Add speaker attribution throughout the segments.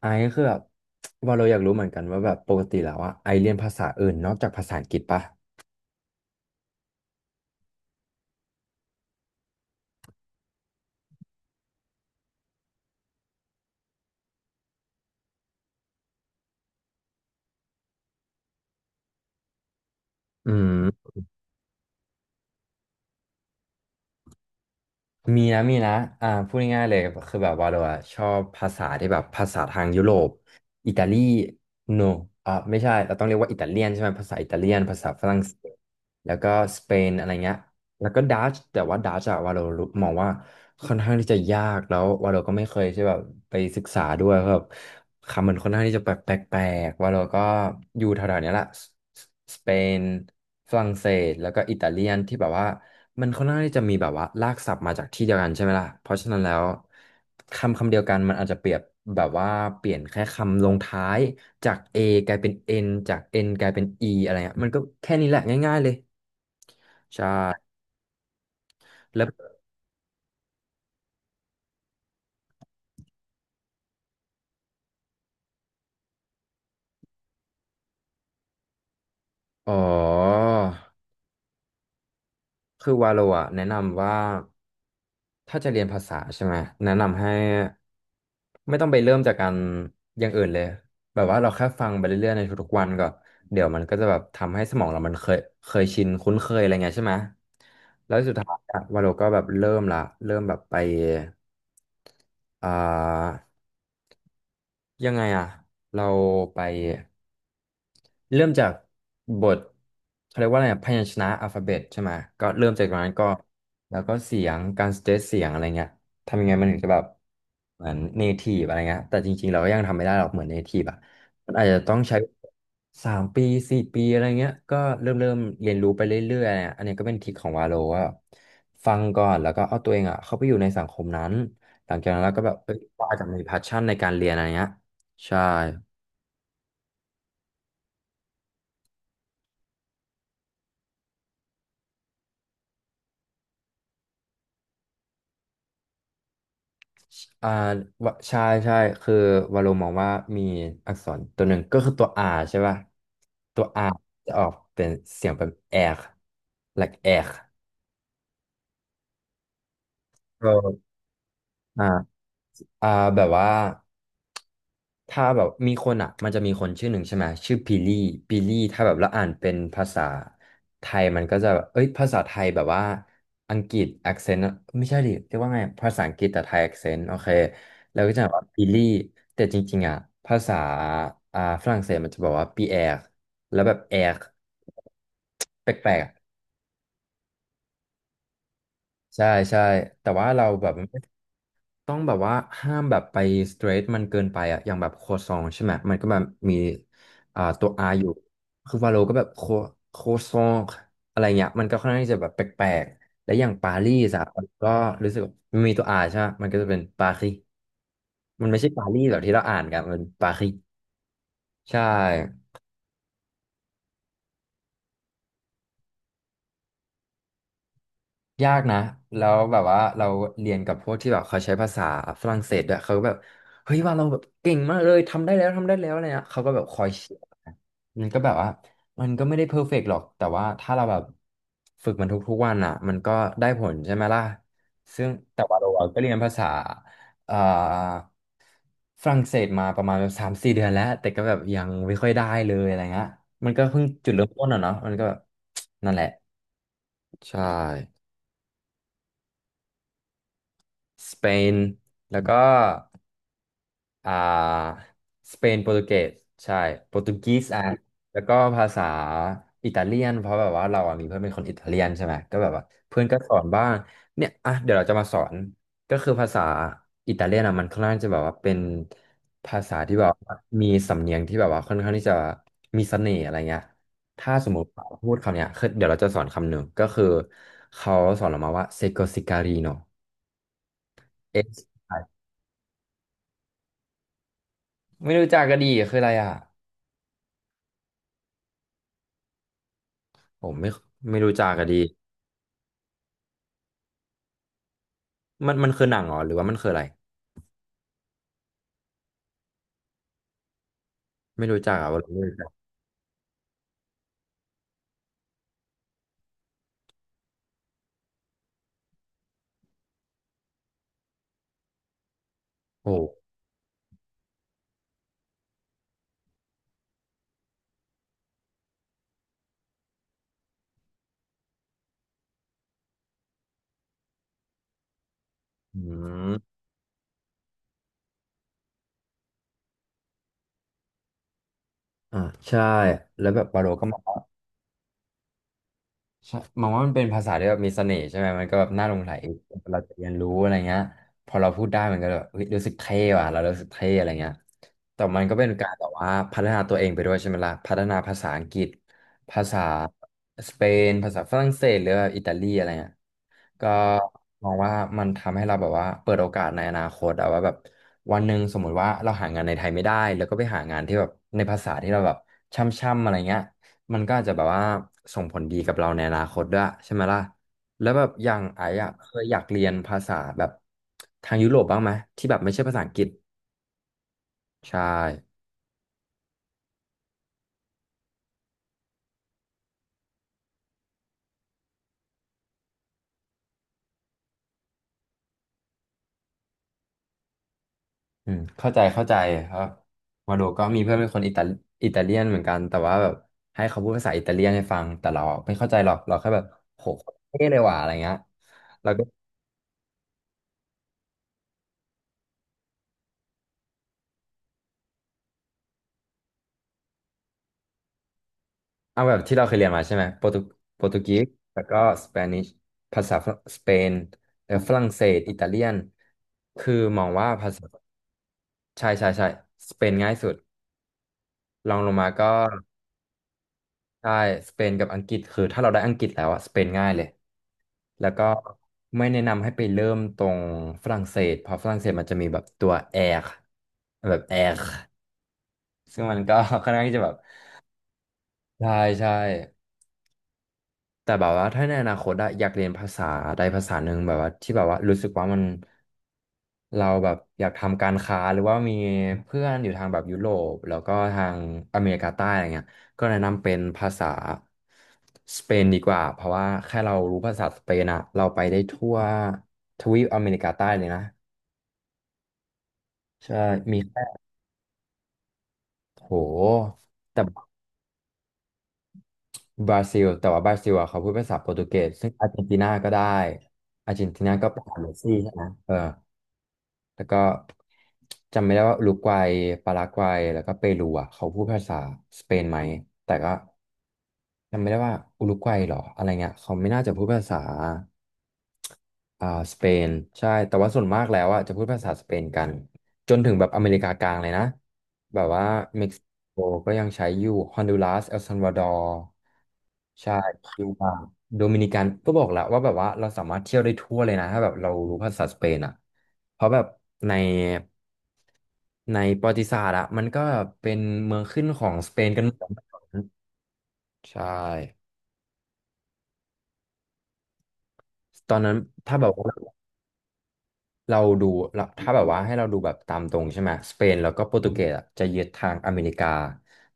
Speaker 1: ไอซ์คือแบบว่าเราอยากรู้เหมือนกันว่าแบบปกติแล้วอะไอซ์เรียนภาษาอื่นนอกจากภาษาอังกฤษปะอืมมีนะมีนะพูดง่ายๆเลยคือแบบว่าเราอะชอบภาษาที่แบบภาษาทางยุโรปอิตาลีโนไม่ใช่เราต้องเรียกว่าอิตาเลียนใช่ไหมภาษาอิตาเลียนภาษาฝรั่งเศสแล้วก็สเปนอะไรเงี้ย แล้วก็ดัชแต่ว่าดัชอะวาโลรูมองว่าค่อนข้างที่จะยากแล้ววาโลก็ไม่เคยใช่แบบไปศึกษาด้วยครับบคำมันค่อนข้างที่จะแปลกแปลกวาโลก็อยู่แถวๆเนี้ยแหละสสเปนฝรั่งเศสแล้วก็อิตาเลียนที่แบบว่ามันค่อนข้างที่จะมีแบบว่ารากศัพท์มาจากที่เดียวกันใช่ไหมล่ะเพราะฉะนั้นแล้วคำคำเดียวกันมันอาจจะเปรียบแบบว่าเปลี่ยนแค่คำลงท้ายจาก A กลายเป็น N จาก N กลายเป็น E อะไรเงี้ยมันก็แค่นี้แหละง่ายๆเลยใช่แล้ว อ๋อคือวาโลอะแนะนำว่าถ้าจะเรียนภาษาใช่ไหมแนะนำให้ไม่ต้องไปเริ่มจากการอย่างอื่นเลยแบบว่าเราแค่ฟังไปเรื่อยๆในทุกๆวันก่อนเดี๋ยวมันก็จะแบบทำให้สมองเรามันเคยชินคุ้นเคยอะไรเงี้ยใช่ไหมแล้วสุดท้ายอะวาโลก็แบบเริ่มละเริ่มแบบไปอ่ายังไงอะเราไป เริ่มจากบทเขาเรียกว่าอะไรอะพยัญชนะอัลฟาเบตใช่ไหมก็เริ่มจากตรงนั้นก็แล้วก็เสียงการสเตทเสียงอะไรเงี้ยทำยังไงมันถึงจะแบบเหมือนเนทีฟอะไรเงี้ยแต่จริงๆเราก็ยังทำไม่ได้หรอกเหมือนเนทีฟอ่ะมันอาจจะต้องใช้สามปีสี่ปีอะไรเงี้ยก็เริ่มเรียนรู้ไปเรื่อยๆอะไรเงี้ยอันนี้ก็เป็นทริคของวาโลว่าแบบฟังก่อนแล้วก็เอาตัวเองอ่ะเข้าไปอยู่ในสังคมนั้นหลังจากนั้นเราก็แบบเอ้ยว่าจะมีแพชชั่นในการเรียนอะไรเงี้ยใช่ อ่าวะใช่ใช่คือวาโลมองว่ามีอักษรตัวหนึ่งก็คือตัว R ใช่ป่ะตัว R จะออกเป็นเสียงเป็นแอก like แอกออ่าอ่าแบบว่า ถ้าแบบมีคนอ่ะมันจะมีคนชื่อหนึ่งใช่ไหมชื่อพิลี่พิลี่ถ้าแบบแล้วอ่านเป็นภาษาไทยมันก็จะแบบเอ้ยภาษาไทยแบบว่าอังกฤษ accent ไม่ใช่ดิเรียกว่าไงภาษาอังกฤษแต่ไทย accent โอเคแล้วก็จะแบบพิลี่แต่จริงๆอ่ะภาษาฝรั่งเศสมันจะบอกว่าปีแอร์แล้วแบบแอร์แปลกๆอะใช่ใช่แต่ว่าเราแบบไม่ ต้องแบบว่าห้ามแบบไปสเตรทมันเกินไปอะอย่างแบบโคซองใช่ไหมมันก็แบบมีตัว R อยู่คือวาโลก็แบบโคซองอะไรเงี้ยมันก็ค่อนข้างที่จะแบบแปลกๆและอย่างปารีสอะมันก็รู้สึกมันมีตัว R ใช่ไหมมันก็จะเป็นปารีมันไม่ใช่ปารีสแบบที่เราอ่านกันมันปารีใช่ ยากนะแล้วแบบว่าเราเรียนกับพวกที่แบบเขาใช้ภาษาฝรั่งเศสด้วยเขาก็แบบเฮ้ยว่าเราแบบเก่งมากเลยทำได้แล้วทำได้แล้วอะไรเงี้ยเขาก็แบบคอยเชียร์นะมันก็แบบว่ามันก็ไม่ได้เพอร์เฟกต์หรอกแต่ว่าถ้าเราแบบฝึกมันทุกๆวันอ่ะมันก็ได้ผลใช่ไหมล่ะซึ่งแต่ว่าเราก็เรียนภาษาเอ่อฝรั่งเศสมาประมาณแบบสามสี่เดือนแล้วแต่ก็แบบยังไม่ค่อยได้เลยอะไรเงี้ยมันก็เพิ่งจุดเริ่มต้นอ่ะเนาะมันก็แบบนั่นแหละใช่ สเปนแล้วก็อ่าสเปนโปรตุเกสใช่โปรตุกีสอ่ะแล้วก็ภาษาอิตาเลียนเพราะแบบว่าเราอ่ะมีเพื่อนเป็นคนอิตาเลียนใช่ไหมก็แบบว่าเพื่อนก็สอนบ้างเนี่ยอ่ะเดี๋ยวเราจะมาสอนก็คือภาษาอิตาเลียนอ่ะมันค่อนข้างจะแบบว่าเป็นภาษาที่แบบว่ามีสำเนียงที่แบบว่าค่อนข้างที่จะมีเสน่ห์อะไรเงี้ยถ้าสมมติเราพูดคำเนี้ยคือเดี๋ยวเราจะสอนคำหนึ่งก็คือเขาสอนเรามาว่าเซโกซิการีโน ไม่รู้จักกะดีคืออะไรอ่ะผมไม่รู้จักอะดีมันคือหนังเหรอหรือว่ามันคืออะไรไม่รู้จักอ่ะว่าเราไม่รู้จักโอ้อืมอ่าใช่แล้วแบบวาโลก็มา ใช่มองว่ามันเป็นภาษาที่แบบมีเสน่ห์ใช่ไหมมันก็แบบน่าหลงใหลเราจะเรียนรู้อะไรเงี้ยพอเราพูดได้มันก็แบบเฮ้ยรู้สึกเท่ว่ะเรารู้สึกเท่อะไรเงี้ยแต่มันก็เป็นการแบบว่าพัฒนาตัวเองไปด้วยใช่ไหมล่ะพัฒนาภาษาอังกฤษภาษาสเปนภาษาฝรั่งเศสหรือว่าอิตาลีอะไรเงี้ยก็มองว่ามันทำให้เราแบบว่าเปิดโอกาสในอนาคตอะว่าแบบวันหนึ่งสมมุติว่าเราหางานในไทยไม่ได้แล้วก็ไปหางานที่แบบในภาษาที่เราแบบช่ำๆอะไรเงี้ย มันก็อาจจะแบบว่าส่งผลดีกับเราในอนาคตด้วยใช่ไหมล่ะแล้วแบบอย่างไอ้อะเคยอยากเรียนภาษาแบบทางยุโรปบ้างไหมที่แบบไม่ใช่ภาษาอังกฤษใช่อืมเข้าใจเข้าใจครับมาโดก็มีเพื่อนเป็นคนอิตาเลียนเหมือนกันแต่ว่าแบบให้เขาพูดภาษาอิตาเลียนให้ฟังแต่เราไม่เข้าใจหรอกเราแค่แบบโหโคตรเท่เลยว่ะอะไรเงี้ย เอาแบบที่เราเคยเรียนมาใช่ไหมโปรตุกีสแล้วก็สเปนิชภาษาสเปนแล้วฝรั่งเศสอิตาเลียนคือมองว่าภาษาใช่ใช่ใช่สเปนง่ายสุดรองลงมาก็ใช่สเปนกับอังกฤษคือถ้าเราได้อังกฤษแล้วอะสเปนง่ายเลยแล้วก็ไม่แนะนำให้ไปเริ่มตรงฝรั่งเศสเพราะฝรั่งเศสมันจะมีแบบตัวแอร์แบบแอร์ซึ่งมันก็ ค่อนข้างที่จะแบบใช่ใช่ แต่แบบว่าถ้าในอนาคตอะอยากเรียนภาษาใดภาษาหนึ่งแบบว่าที่แบบว่ารู้สึกว่ามันเราแบบอยากทำการค้าหรือว่ามีเพื่อนอยู่ทางแบบยุโรปแล้วก็ทางอเมริกาใต้อะไรเงี้ยก็แนะนำเป็นภาษาสเปนดีกว่าเพราะว่าแค่เรารู้ภาษาสเปนอะเราไปได้ทั่วทวีปอเมริกาใต้เลยนะใช่มีแค่โหแต่บราซิลแต่ว่าบราซิลอะเขาพูดภาษาโปรตุเกสซึ่งอาร์เจนตินาก็ได้อาร์เจนตินาก็เป็นของเมสซี่ใช่ไหมเออ แล้วก็จำไม่ได้ว่าอุรุกวัยปารากวัยแล้วก็เปรูอ่ะเขาพูดภาษาสเปนไหมแต่ก็ จำไม่ได้ว่าอุรุกวัยเหรออะไรเงี้ยเขาไม่น่าจะพูดภาษาอ่าสเปนใช่แต่ว่าส่วนมากแล้วอ่ะจะพูดภาษาสเปนกันจนถึงแบบอเมริกากลางเลยนะแบบว่าเม็กซิโกก็ยังใช้อยู่ฮอนดูรัสเอลซัลวาดอร์ใช่คิวบาโดมินิกันก็บอกแล้วว่าแบบว่าเราสามารถเที่ยวได้ทั่วเลยนะถ้าแบบเรารู้ภาษาสเปนอ่ะเพราะแบบในในประวัติศาสตร์อะมันก็เป็นเมืองขึ้นของสเปนกันหมดใช่ ตอนนั้นถ้าแบบว่าเราดูเราถ้าแบบว่าให้เราดูแบบตามตรงใช่ไหมสเปนแล้วก็โปรตุเกสอะจะยึดทางอเมริกา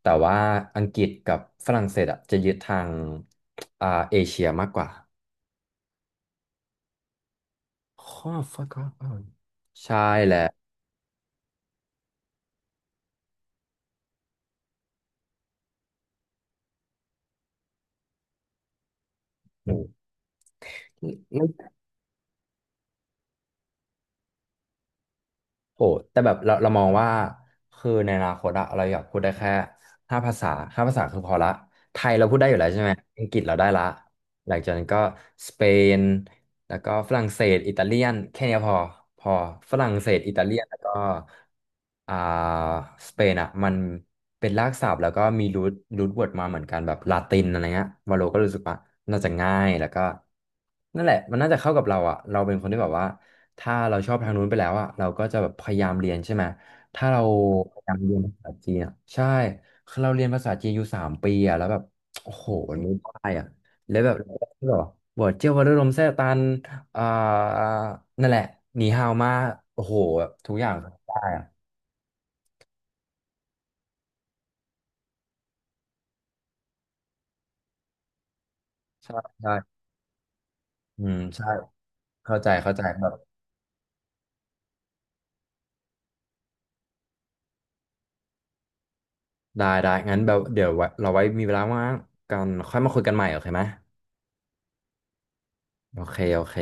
Speaker 1: แต่ว่าอังกฤษกับฝรั่งเศสอะจะยึดทางเอเชียมากกว่าข้อ fuck off ใช่แหละอืม โหแต่แบบเรามองว่าคือในอนาคตอะเราอยากพูดได้แค่ห้าภาษาห้าภาษาคือพอละไทยเราพูดได้อยู่แล้วใช่ไหมอังกฤษเราได้ละหลังจากนั้นก็สเปนแล้วก็ฝรั่งเศสอิตาเลียนแค่เนี้ยพอพอฝรั่งเศสอิตาเลียนแล้วก็อ่าสเปนอะมันเป็นรากศัพท์แล้วก็มีรูทเวิร์ดมาเหมือนกันแบบลาตินอะไรเงี้ยวาโลก็รู้สึกว่าน่าจะง่ายแล้วก็นั่นแหละมันน่าจะเข้ากับเราอะเราเป็นคนที่แบบว่า ถ้าเราชอบทางนู้นไปแล้วอ่ะเราก็จะแบบพยายามเรียนใช่ไหมถ้าเราพยายามเรียนภาษาจีนอ่ะใช่คือเราเรียนภาษาจีนอยู่3 ปีอ่ะแล้วแบบโอ้โหมันไม่ได้อ่ะแล้วแบบหรอบอกเจ้าวรุลมแซ่ตันอ่านั่นแหละหนีฮาวมาโอ้โหแบบทุกอย่างได้อ่ะใช่ใช่อืมใช่เข้าใจเข้าใจแบบได้ได้งั้นแบบเดี๋ยวไว้มีเวลาว่างกันค่อยมาคุยกันใหม่โอเคไหมโอเคโอเค